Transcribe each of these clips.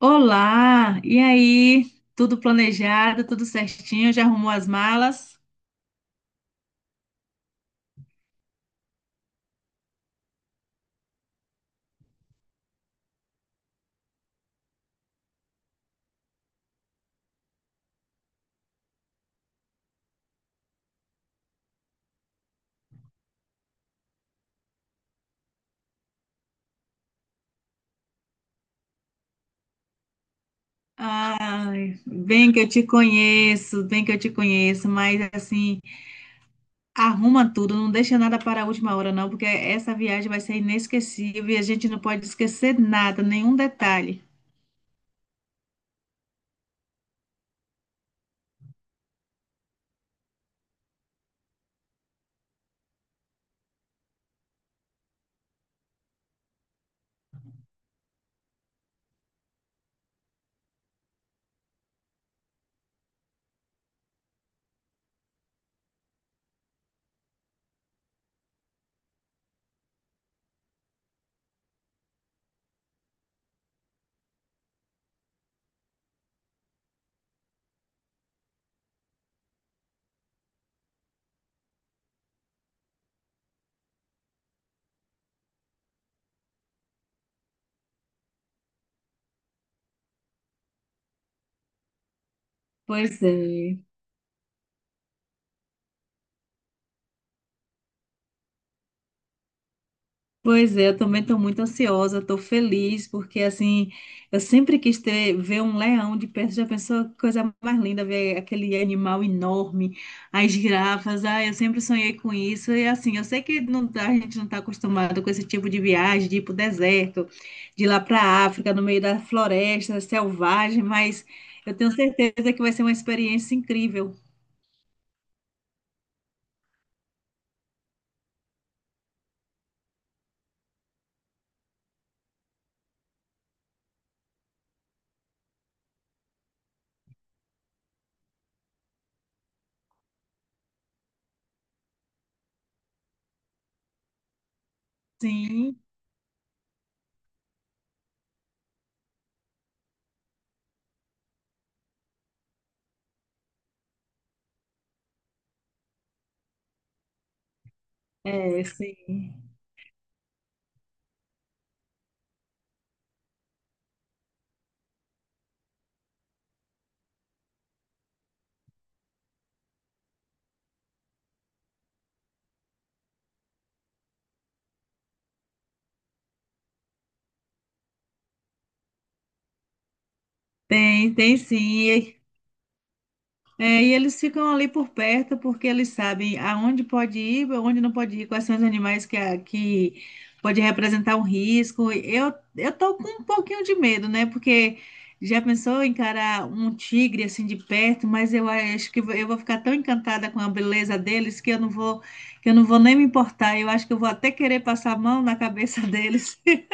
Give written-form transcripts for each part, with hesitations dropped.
Olá, e aí? Tudo planejado, tudo certinho? Já arrumou as malas? Ai, bem que eu te conheço, bem que eu te conheço, mas assim, arruma tudo, não deixa nada para a última hora, não, porque essa viagem vai ser inesquecível e a gente não pode esquecer nada, nenhum detalhe. Pois é. Pois é, eu também estou muito ansiosa, estou feliz, porque assim, eu sempre quis ver um leão de perto, já pensou que coisa mais linda, ver aquele animal enorme, as girafas, ah, eu sempre sonhei com isso, e assim, eu sei que não, a gente não está acostumado com esse tipo de viagem, de ir para o deserto, de ir lá para a África, no meio da floresta selvagem, mas eu tenho certeza que vai ser uma experiência incrível. Sim, é, sim. Tem, tem sim. É, e eles ficam ali por perto porque eles sabem aonde pode ir, aonde não pode ir, quais são os animais que pode representar um risco. Eu tô com um pouquinho de medo, né? Porque já pensou em encarar um tigre assim de perto, mas eu acho que eu vou ficar tão encantada com a beleza deles que eu não vou, que eu não vou nem me importar. Eu acho que eu vou até querer passar a mão na cabeça deles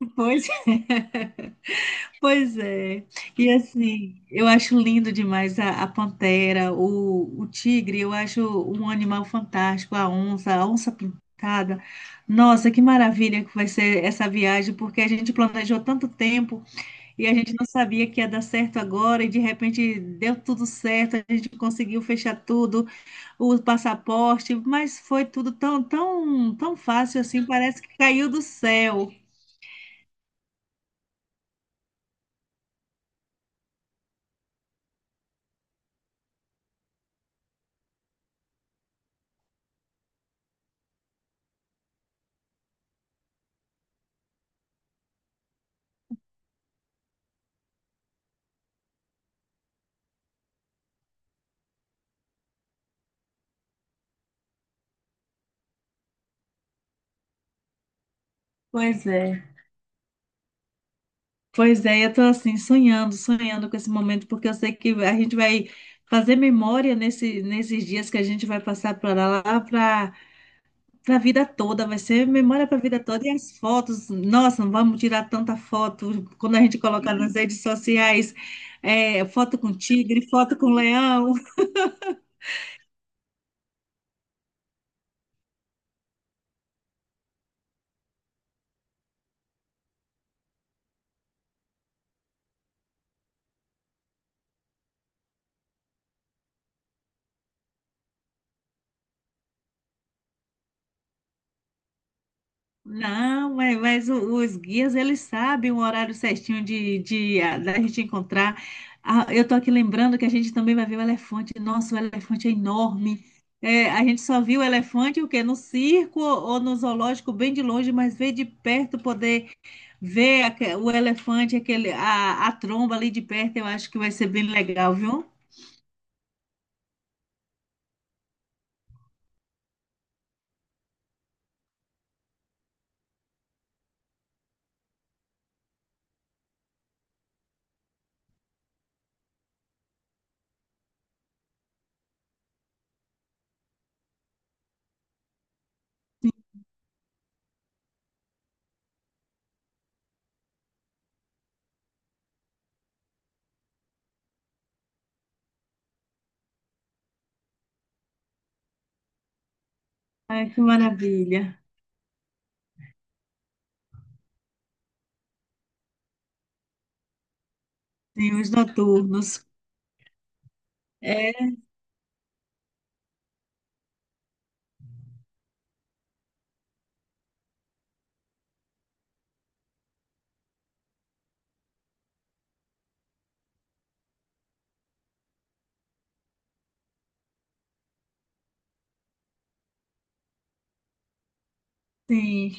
depois. Pois é. E assim, eu acho lindo demais a pantera, o tigre, eu acho um animal fantástico, a onça pintada. Nossa, que maravilha que vai ser essa viagem, porque a gente planejou tanto tempo e a gente não sabia que ia dar certo agora, e de repente deu tudo certo, a gente conseguiu fechar tudo, o passaporte, mas foi tudo tão, tão, tão fácil assim, parece que caiu do céu. Pois é. Pois é, eu tô assim, sonhando, sonhando com esse momento, porque eu sei que a gente vai fazer memória nesses dias que a gente vai passar para lá, para a vida toda, vai ser memória para a vida toda. E as fotos, nossa, não vamos tirar tanta foto quando a gente colocar nas redes sociais, é, foto com tigre, foto com leão. Não, mas os guias, eles sabem o horário certinho da gente encontrar. Ah, eu tô aqui lembrando que a gente também vai ver o elefante. Nossa, o elefante é enorme. É, a gente só viu o elefante o quê? No circo ou no zoológico, bem de longe, mas ver de perto, poder o elefante, aquele, a tromba ali de perto, eu acho que vai ser bem legal, viu? Ai, que maravilha. Sim, os noturnos. É, sim.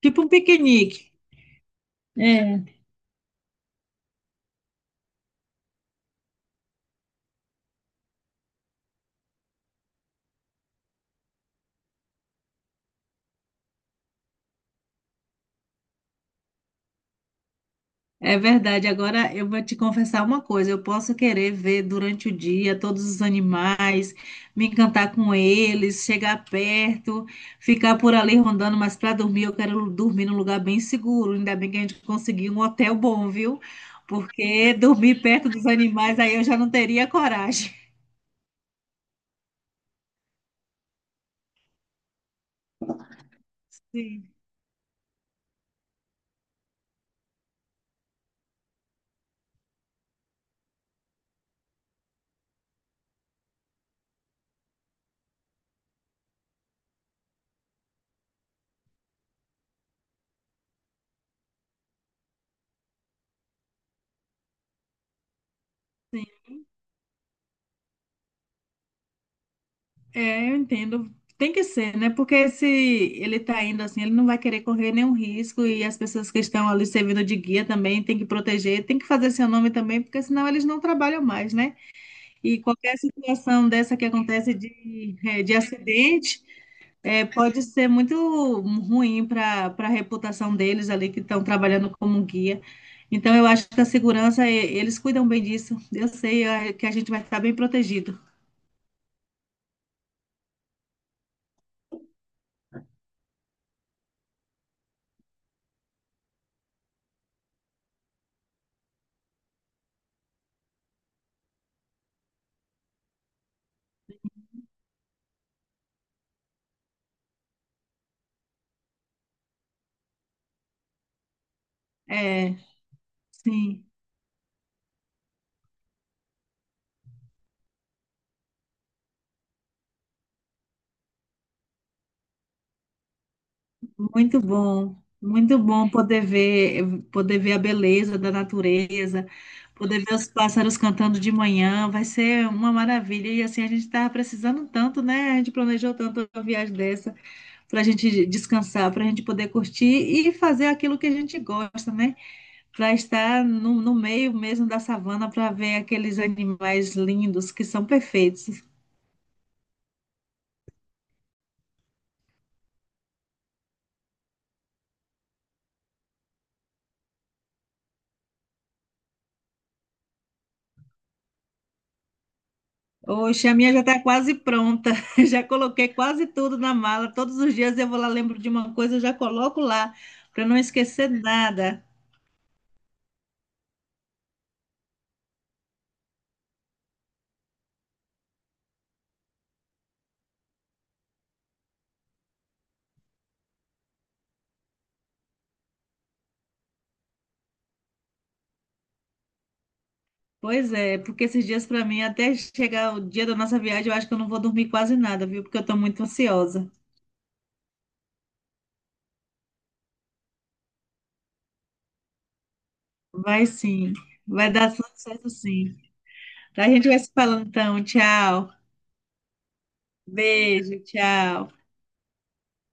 Tipo um piquenique. É. É verdade. Agora eu vou te confessar uma coisa. Eu posso querer ver durante o dia todos os animais, me encantar com eles, chegar perto, ficar por ali rondando, mas para dormir eu quero dormir num lugar bem seguro. Ainda bem que a gente conseguiu um hotel bom, viu? Porque dormir perto dos animais aí eu já não teria coragem. Sim. É, eu entendo. Tem que ser, né? Porque se ele tá indo assim, ele não vai querer correr nenhum risco e as pessoas que estão ali servindo de guia também tem que proteger, tem que fazer seu nome também, porque senão eles não trabalham mais, né? E qualquer situação dessa que acontece de acidente, pode ser muito ruim para a reputação deles ali que estão trabalhando como guia. Então, eu acho que a segurança, eles cuidam bem disso. Eu sei, que a gente vai estar bem protegido. É, sim. Muito bom poder ver a beleza da natureza, poder ver os pássaros cantando de manhã, vai ser uma maravilha. E assim, a gente estava precisando tanto, né? A gente planejou tanto uma viagem dessa para a gente descansar, para a gente poder curtir e fazer aquilo que a gente gosta, né? Para estar no meio mesmo da savana, para ver aqueles animais lindos que são perfeitos. Oxe, a minha já está quase pronta. Já coloquei quase tudo na mala. Todos os dias eu vou lá, lembro de uma coisa, eu já coloco lá, para não esquecer nada. Pois é, porque esses dias para mim, até chegar o dia da nossa viagem, eu acho que eu não vou dormir quase nada, viu? Porque eu estou muito ansiosa. Vai sim, vai dar tudo certo sim. A gente vai se falando então. Tchau. Beijo, tchau.